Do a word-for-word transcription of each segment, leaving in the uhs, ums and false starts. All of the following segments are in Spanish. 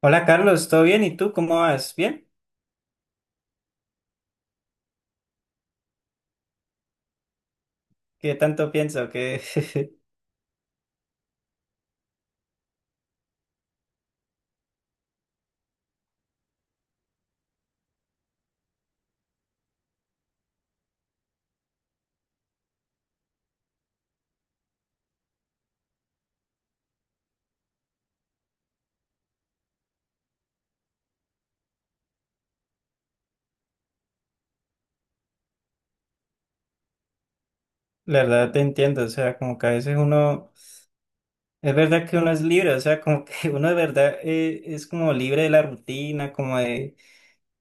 Hola Carlos, ¿todo bien? ¿Y tú cómo vas? ¿Bien? ¿Qué tanto pienso? Que la verdad te entiendo, o sea, como que a veces uno, es verdad que uno es libre, o sea, como que uno de verdad eh, es como libre de la rutina, como de,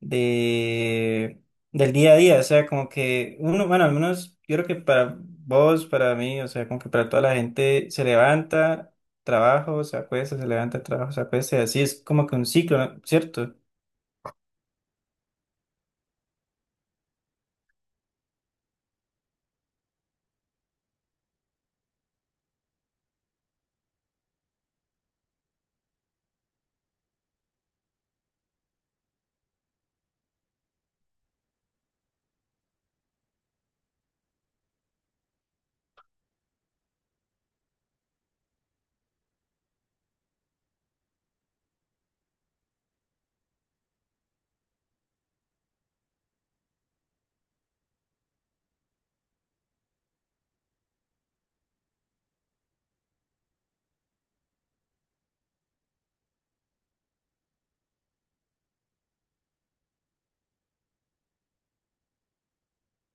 de, del día a día, o sea, como que uno, bueno, al menos yo creo que para vos, para mí, o sea, como que para toda la gente se levanta, trabajo, se acuesta, se levanta, trabajo, se acuesta, y así es como que un ciclo, ¿no? ¿Cierto?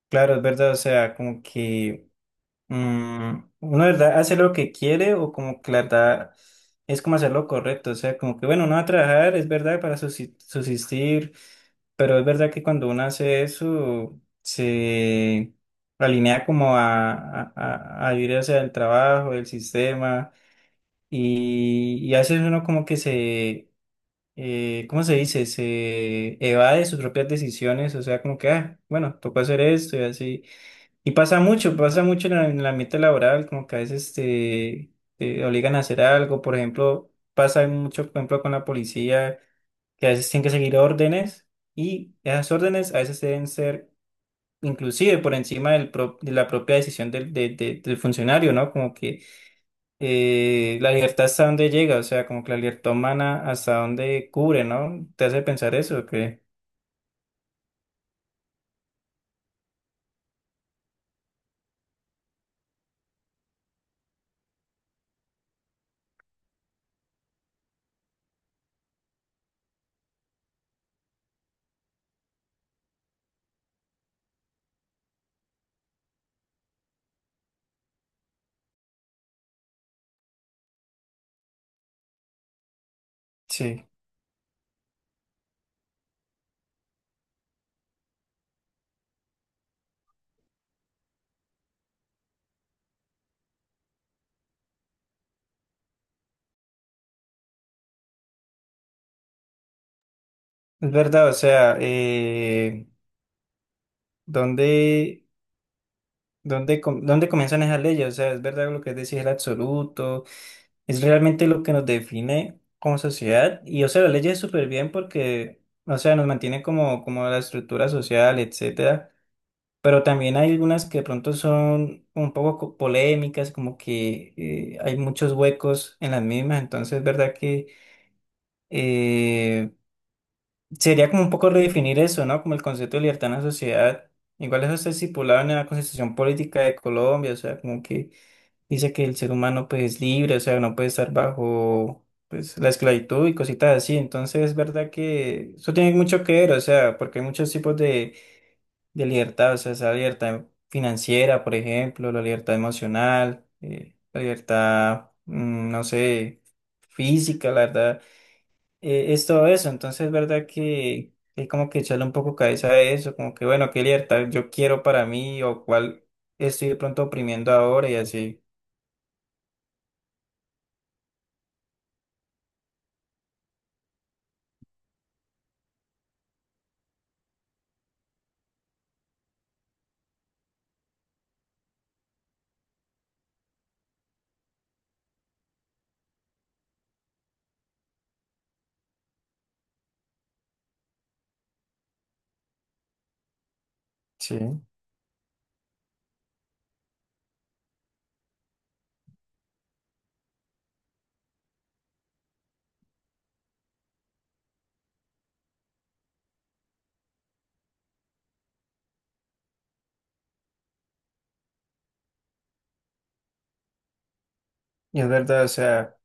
Claro, es verdad, o sea, como que... Mm, uno, de ¿verdad? Hace lo que quiere o como que la verdad es como hacer lo correcto. O sea, como que bueno, uno va a trabajar, es verdad, para subsi- subsistir, pero es verdad que cuando uno hace eso, se alinea como a, a, a, a vivir hacia el trabajo, el sistema, y, y a veces uno como que se, eh, ¿cómo se dice? Se evade sus propias decisiones, o sea, como que, ah, bueno, tocó hacer esto y así. Y pasa mucho, pasa mucho en la- en el ambiente laboral, como que a veces te, te obligan a hacer algo, por ejemplo, pasa mucho, por ejemplo, con la policía, que a veces tienen que seguir órdenes y esas órdenes a veces deben ser inclusive por encima del pro- de la propia decisión del, de- de- del funcionario, ¿no? Como que eh, la libertad hasta dónde llega, o sea, como que la libertad humana hasta dónde cubre, ¿no? ¿Te hace pensar eso? Que sí, es verdad, o sea, eh, ¿dónde... ¿Dónde, com- dónde comienzan esas leyes? O sea, es verdad lo que decís, el absoluto, es realmente lo que nos define como sociedad. Y, o sea, las leyes súper bien porque, o sea, nos mantienen como, como la estructura social, etcétera. Pero también hay algunas que de pronto son un poco co- polémicas, como que eh, hay muchos huecos en las mismas. Entonces, es verdad que eh, sería como un poco redefinir eso, ¿no? Como el concepto de libertad en la sociedad. Igual eso está estipulado en la Constitución Política de Colombia, o sea, como que dice que el ser humano pues es libre, o sea, no puede estar bajo pues la esclavitud y cositas así. Entonces es verdad que eso tiene mucho que ver, o sea, porque hay muchos tipos de, de libertad, o sea, esa libertad financiera, por ejemplo, la libertad emocional, eh, la libertad, mm, no sé, física, la verdad, eh, es todo eso. Entonces es verdad que... Hay como que echarle un poco cabeza a eso, como que bueno, qué libertad yo quiero para mí o cuál estoy de pronto oprimiendo ahora y así. Sí. Es verdad, o sea,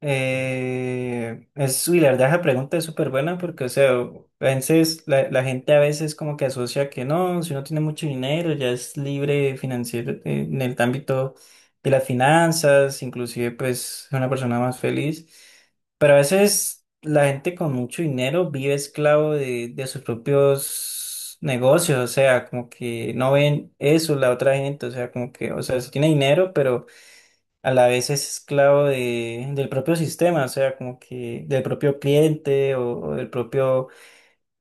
eh, es, y la verdad esa pregunta es súper buena porque, o sea, a veces la, la gente a veces como que asocia que no, si uno tiene mucho dinero ya es libre financiero eh, en el ámbito de las finanzas, inclusive pues es una persona más feliz, pero a veces la gente con mucho dinero vive esclavo de, de sus propios negocios, o sea, como que no ven eso la otra gente, o sea, como que, o sea, si tiene dinero, pero a la vez es esclavo de, del propio sistema, o sea, como que del propio cliente o, o del propio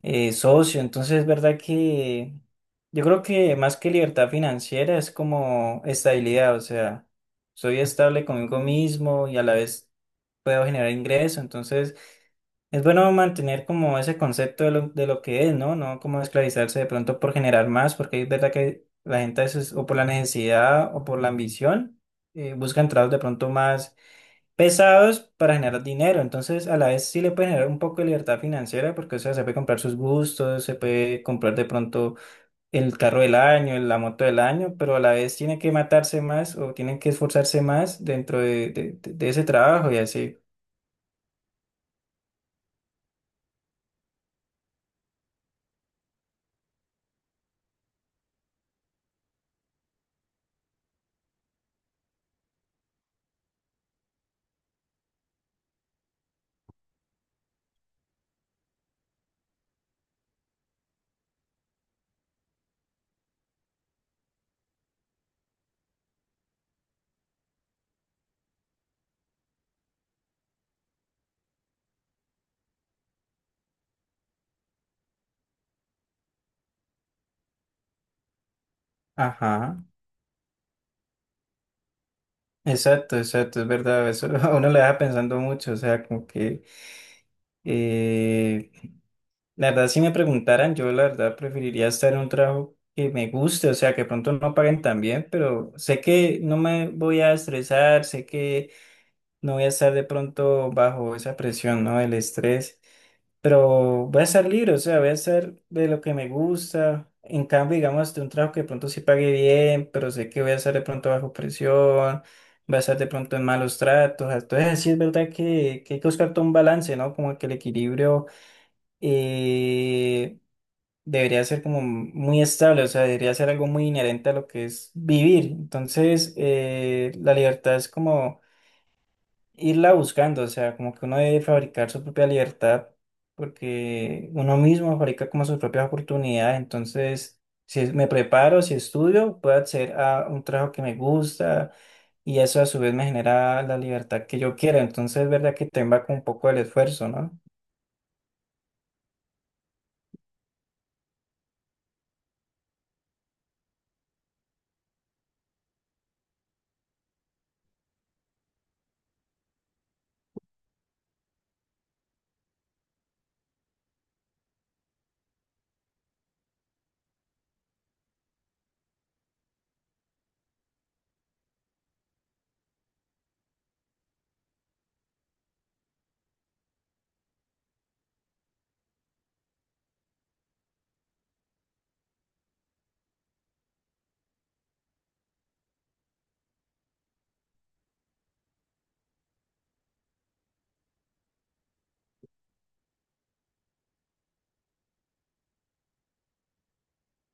eh, socio. Entonces, es verdad que yo creo que más que libertad financiera es como estabilidad, o sea, soy estable conmigo mismo y a la vez puedo generar ingreso. Entonces, es bueno mantener como ese concepto de lo, de lo que es, ¿no? No como esclavizarse de pronto por generar más, porque es verdad que la gente a veces, o por la necesidad o por la ambición, eh, buscan trabajos de pronto más pesados para generar dinero. Entonces, a la vez sí le puede generar un poco de libertad financiera, porque, o sea, se puede comprar sus gustos, se puede comprar de pronto el carro del año, la moto del año, pero a la vez tiene que matarse más o tienen que esforzarse más dentro de, de de- de ese trabajo y así. Ajá. Exacto, exacto, es verdad, eso a uno le deja pensando mucho, o sea, como que eh, la verdad si me preguntaran, yo la verdad preferiría estar en un trabajo que me guste, o sea, que pronto no paguen tan bien, pero sé que no me voy a estresar, sé que no voy a estar de pronto bajo esa presión, ¿no? El estrés pero voy a estar libre, o sea, voy a estar de lo que me gusta. En cambio, digamos, de un trabajo que de pronto sí pague bien, pero sé que voy a estar de pronto bajo presión, voy a estar de pronto en malos tratos. Entonces, sí es verdad que, que hay que buscar todo un balance, ¿no? Como que el equilibrio eh, debería ser como muy estable, o sea, debería ser algo muy inherente a lo que es vivir. Entonces, eh, la libertad es como irla buscando, o sea, como que uno debe fabricar su propia libertad, porque uno mismo fabrica como sus propias oportunidades. Entonces, si es- me preparo, si estudio, puedo acceder a un trabajo que me gusta y eso a su vez me genera la libertad que yo quiero, entonces es verdad que te va con un poco del esfuerzo, ¿no?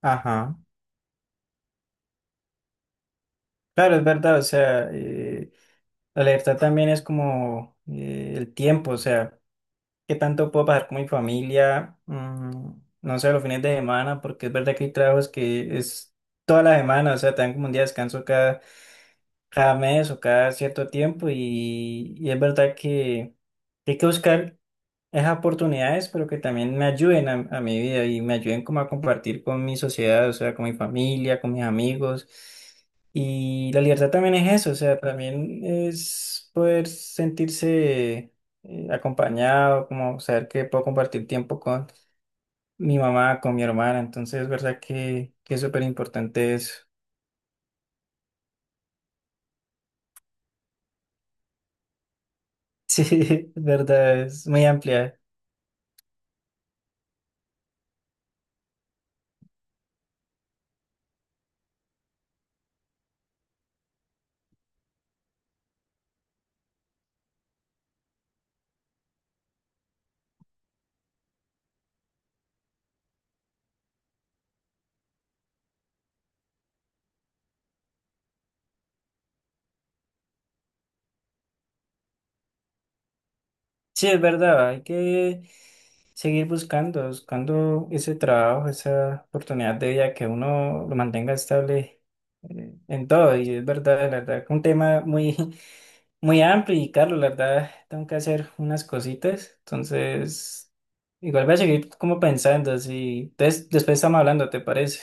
Ajá, claro, es verdad, o sea, eh, la libertad también es como eh, el tiempo, o sea, qué tanto puedo pasar con mi familia, mm, no sé, los fines de semana, porque es verdad que hay trabajos que es toda la semana, o sea, te dan como un día de descanso cada, cada mes o cada cierto tiempo y, y es verdad que hay que buscar esas oportunidades, pero que también me ayuden a, a mi vida y me ayuden como a compartir con mi sociedad, o sea, con mi familia, con mis amigos. Y la libertad también es eso, o sea, también es poder sentirse eh, acompañado, como saber que puedo compartir tiempo con mi mamá, con mi hermana, entonces es verdad que, que es súper importante eso. Sí, es verdad, es muy amplia. Sí, es verdad, hay que seguir buscando, buscando ese trabajo, esa oportunidad de vida que uno lo mantenga estable eh, en todo. Y es verdad, la verdad, que un tema muy, muy amplio. Y Carlos, la verdad, tengo que hacer unas cositas. Entonces, igual voy a seguir como pensando. Así, entonces, después estamos hablando, ¿te parece?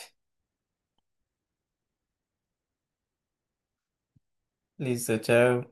Listo, chao.